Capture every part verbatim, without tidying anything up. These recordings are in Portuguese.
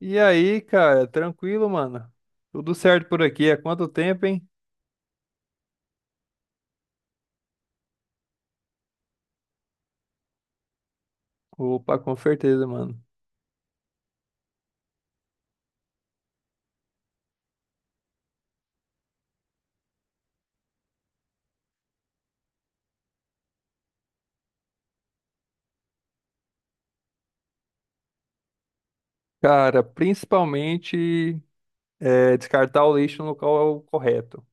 E aí, cara, tranquilo, mano? Tudo certo por aqui? Há quanto tempo, hein? Opa, com certeza, mano. Cara, principalmente é, descartar o lixo no local correto.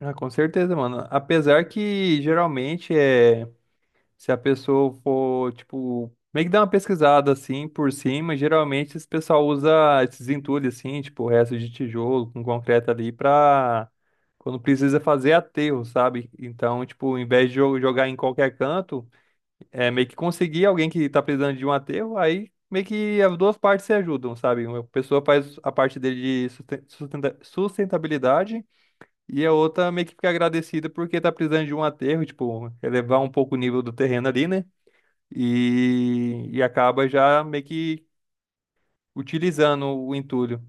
Ah, com certeza, mano. Apesar que geralmente é. Se a pessoa for, tipo, meio que dar uma pesquisada assim por cima, geralmente esse pessoal usa esses entulhos assim, tipo, resto de tijolo com concreto ali pra quando precisa fazer aterro, sabe? Então, tipo, em vez de jo- jogar em qualquer canto, é meio que conseguir alguém que tá precisando de um aterro, aí meio que as duas partes se ajudam, sabe? Uma pessoa faz a parte dele de susten- sustenta- sustentabilidade e a outra meio que fica agradecida porque tá precisando de um aterro, tipo, elevar um pouco o nível do terreno ali, né? e, e acaba já meio que utilizando o entulho.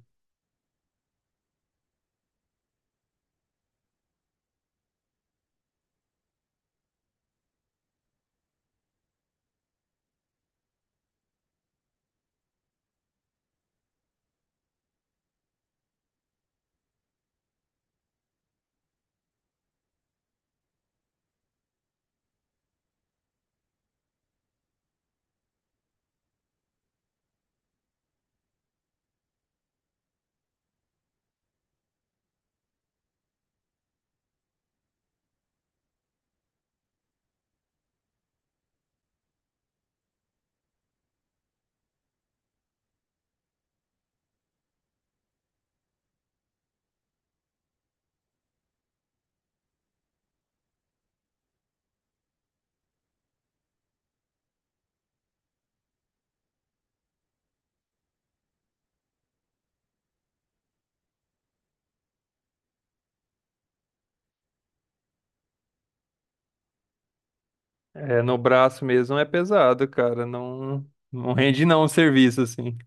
É, no braço mesmo é pesado, cara. Não, não rende não o serviço, assim.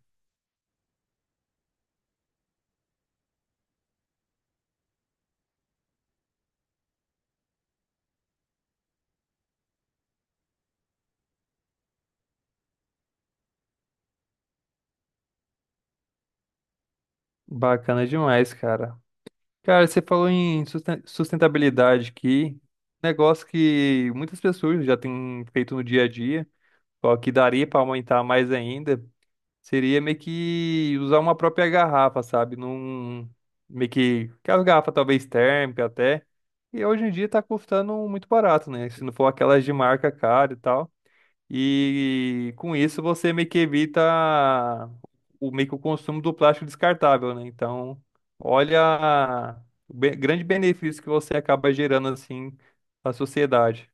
Bacana demais, cara. Cara, você falou em susten- sustentabilidade aqui, negócio que muitas pessoas já têm feito no dia a dia, só que daria para aumentar mais ainda. Seria meio que usar uma própria garrafa, sabe? Num, meio que, que as garrafas talvez térmica até. E hoje em dia tá custando muito barato, né? Se não for aquelas de marca cara e tal. E com isso você meio que evita o meio que o consumo do plástico descartável, né? Então, olha o be- grande benefício que você acaba gerando assim na sociedade.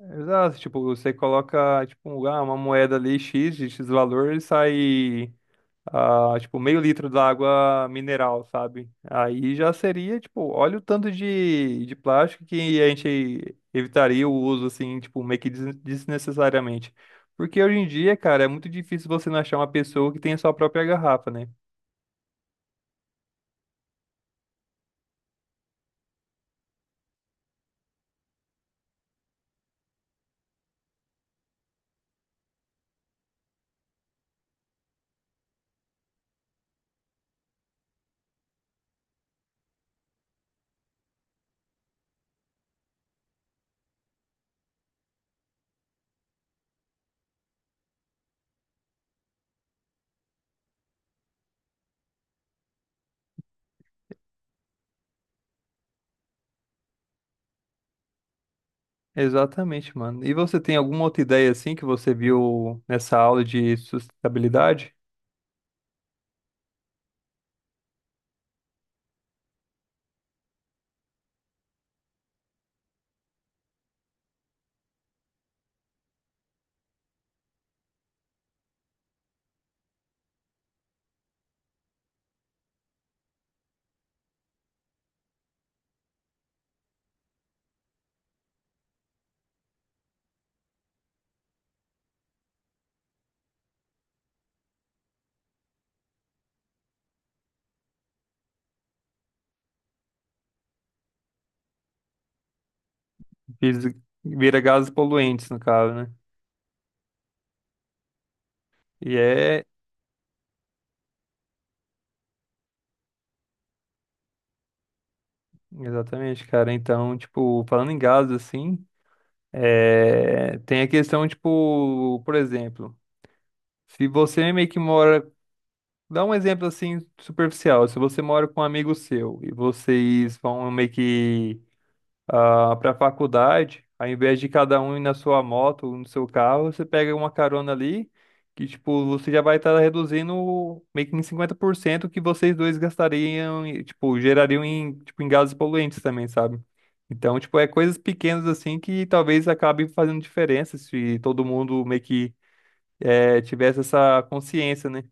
Exato, tipo, você coloca tipo, um, ah, uma moeda ali X de X valor e sai ah, tipo, meio litro da água mineral, sabe? Aí já seria, tipo, olha o tanto de, de plástico que a gente evitaria o uso, assim, tipo, meio que des- desnecessariamente. Porque hoje em dia, cara, é muito difícil você não achar uma pessoa que tenha sua própria garrafa, né? Exatamente, mano. E você tem alguma outra ideia, assim, que você viu nessa aula de sustentabilidade? Vis- Vira gases poluentes, no caso, né? E é. Exatamente, cara. Então, tipo, falando em gases, assim. É, tem a questão, tipo, por exemplo, se você meio que mora, dá um exemplo assim superficial, se você mora com um amigo seu e vocês vão meio que para a faculdade, ao invés de cada um ir na sua moto ou no seu carro, você pega uma carona ali, que tipo, você já vai estar reduzindo meio que em cinquenta por cento o que vocês dois gastariam e tipo, gerariam em, tipo, em gases poluentes também, sabe? Então, tipo, é coisas pequenas assim que talvez acabe fazendo diferença se todo mundo meio que eh, tivesse essa consciência, né?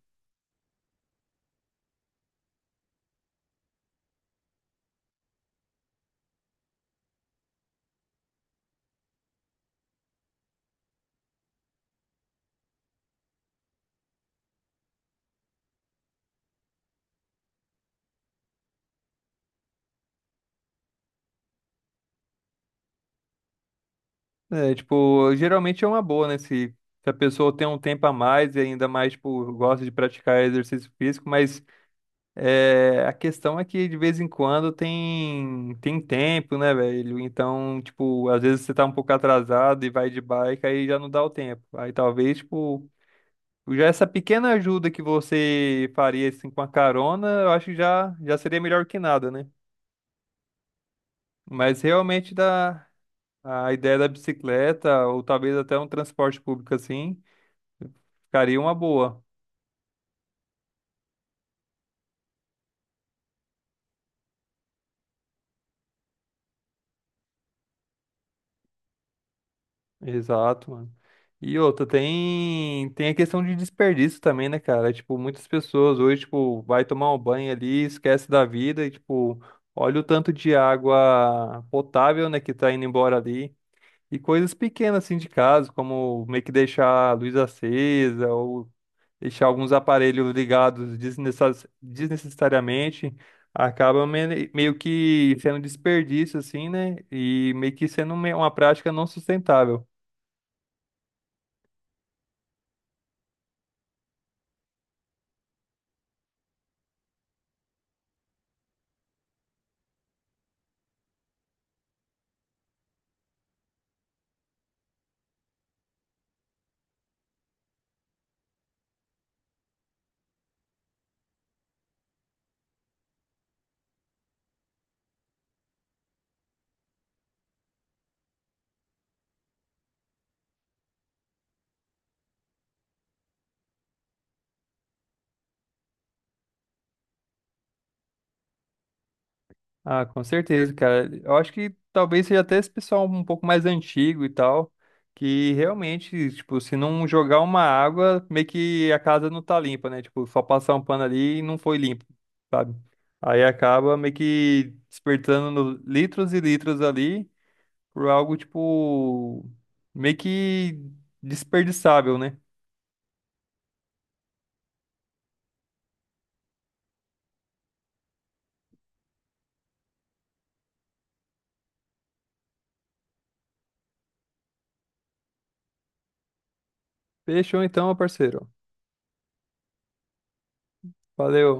É, tipo, geralmente é uma boa, né? Se se a pessoa tem um tempo a mais e ainda mais, tipo, gosta de praticar exercício físico, mas É, a questão é que de vez em quando tem tem tempo, né, velho? Então, tipo, às vezes você tá um pouco atrasado e vai de bike, aí já não dá o tempo. Aí talvez, tipo, já essa pequena ajuda que você faria assim com a carona, eu acho que já já seria melhor que nada, né? Mas realmente da a ideia da bicicleta ou talvez até um transporte público assim, ficaria uma boa. Exato, mano. E outra, tem, tem a questão de desperdício também, né, cara? Tipo, muitas pessoas hoje, tipo, vai tomar um banho ali, esquece da vida e, tipo, olha o tanto de água potável, né, que tá indo embora ali. E coisas pequenas, assim, de casa, como meio que deixar a luz acesa ou deixar alguns aparelhos ligados desnecess- desnecessariamente, acaba me- meio que sendo desperdício, assim, né? E meio que sendo me- uma prática não sustentável. Ah, com certeza, cara. Eu acho que talvez seja até esse pessoal um pouco mais antigo e tal, que realmente, tipo, se não jogar uma água, meio que a casa não tá limpa, né? Tipo, só passar um pano ali e não foi limpo, sabe? Aí acaba meio que despertando no- litros e litros ali por algo, tipo, meio que desperdiçável, né? Fechou então, meu parceiro. Valeu.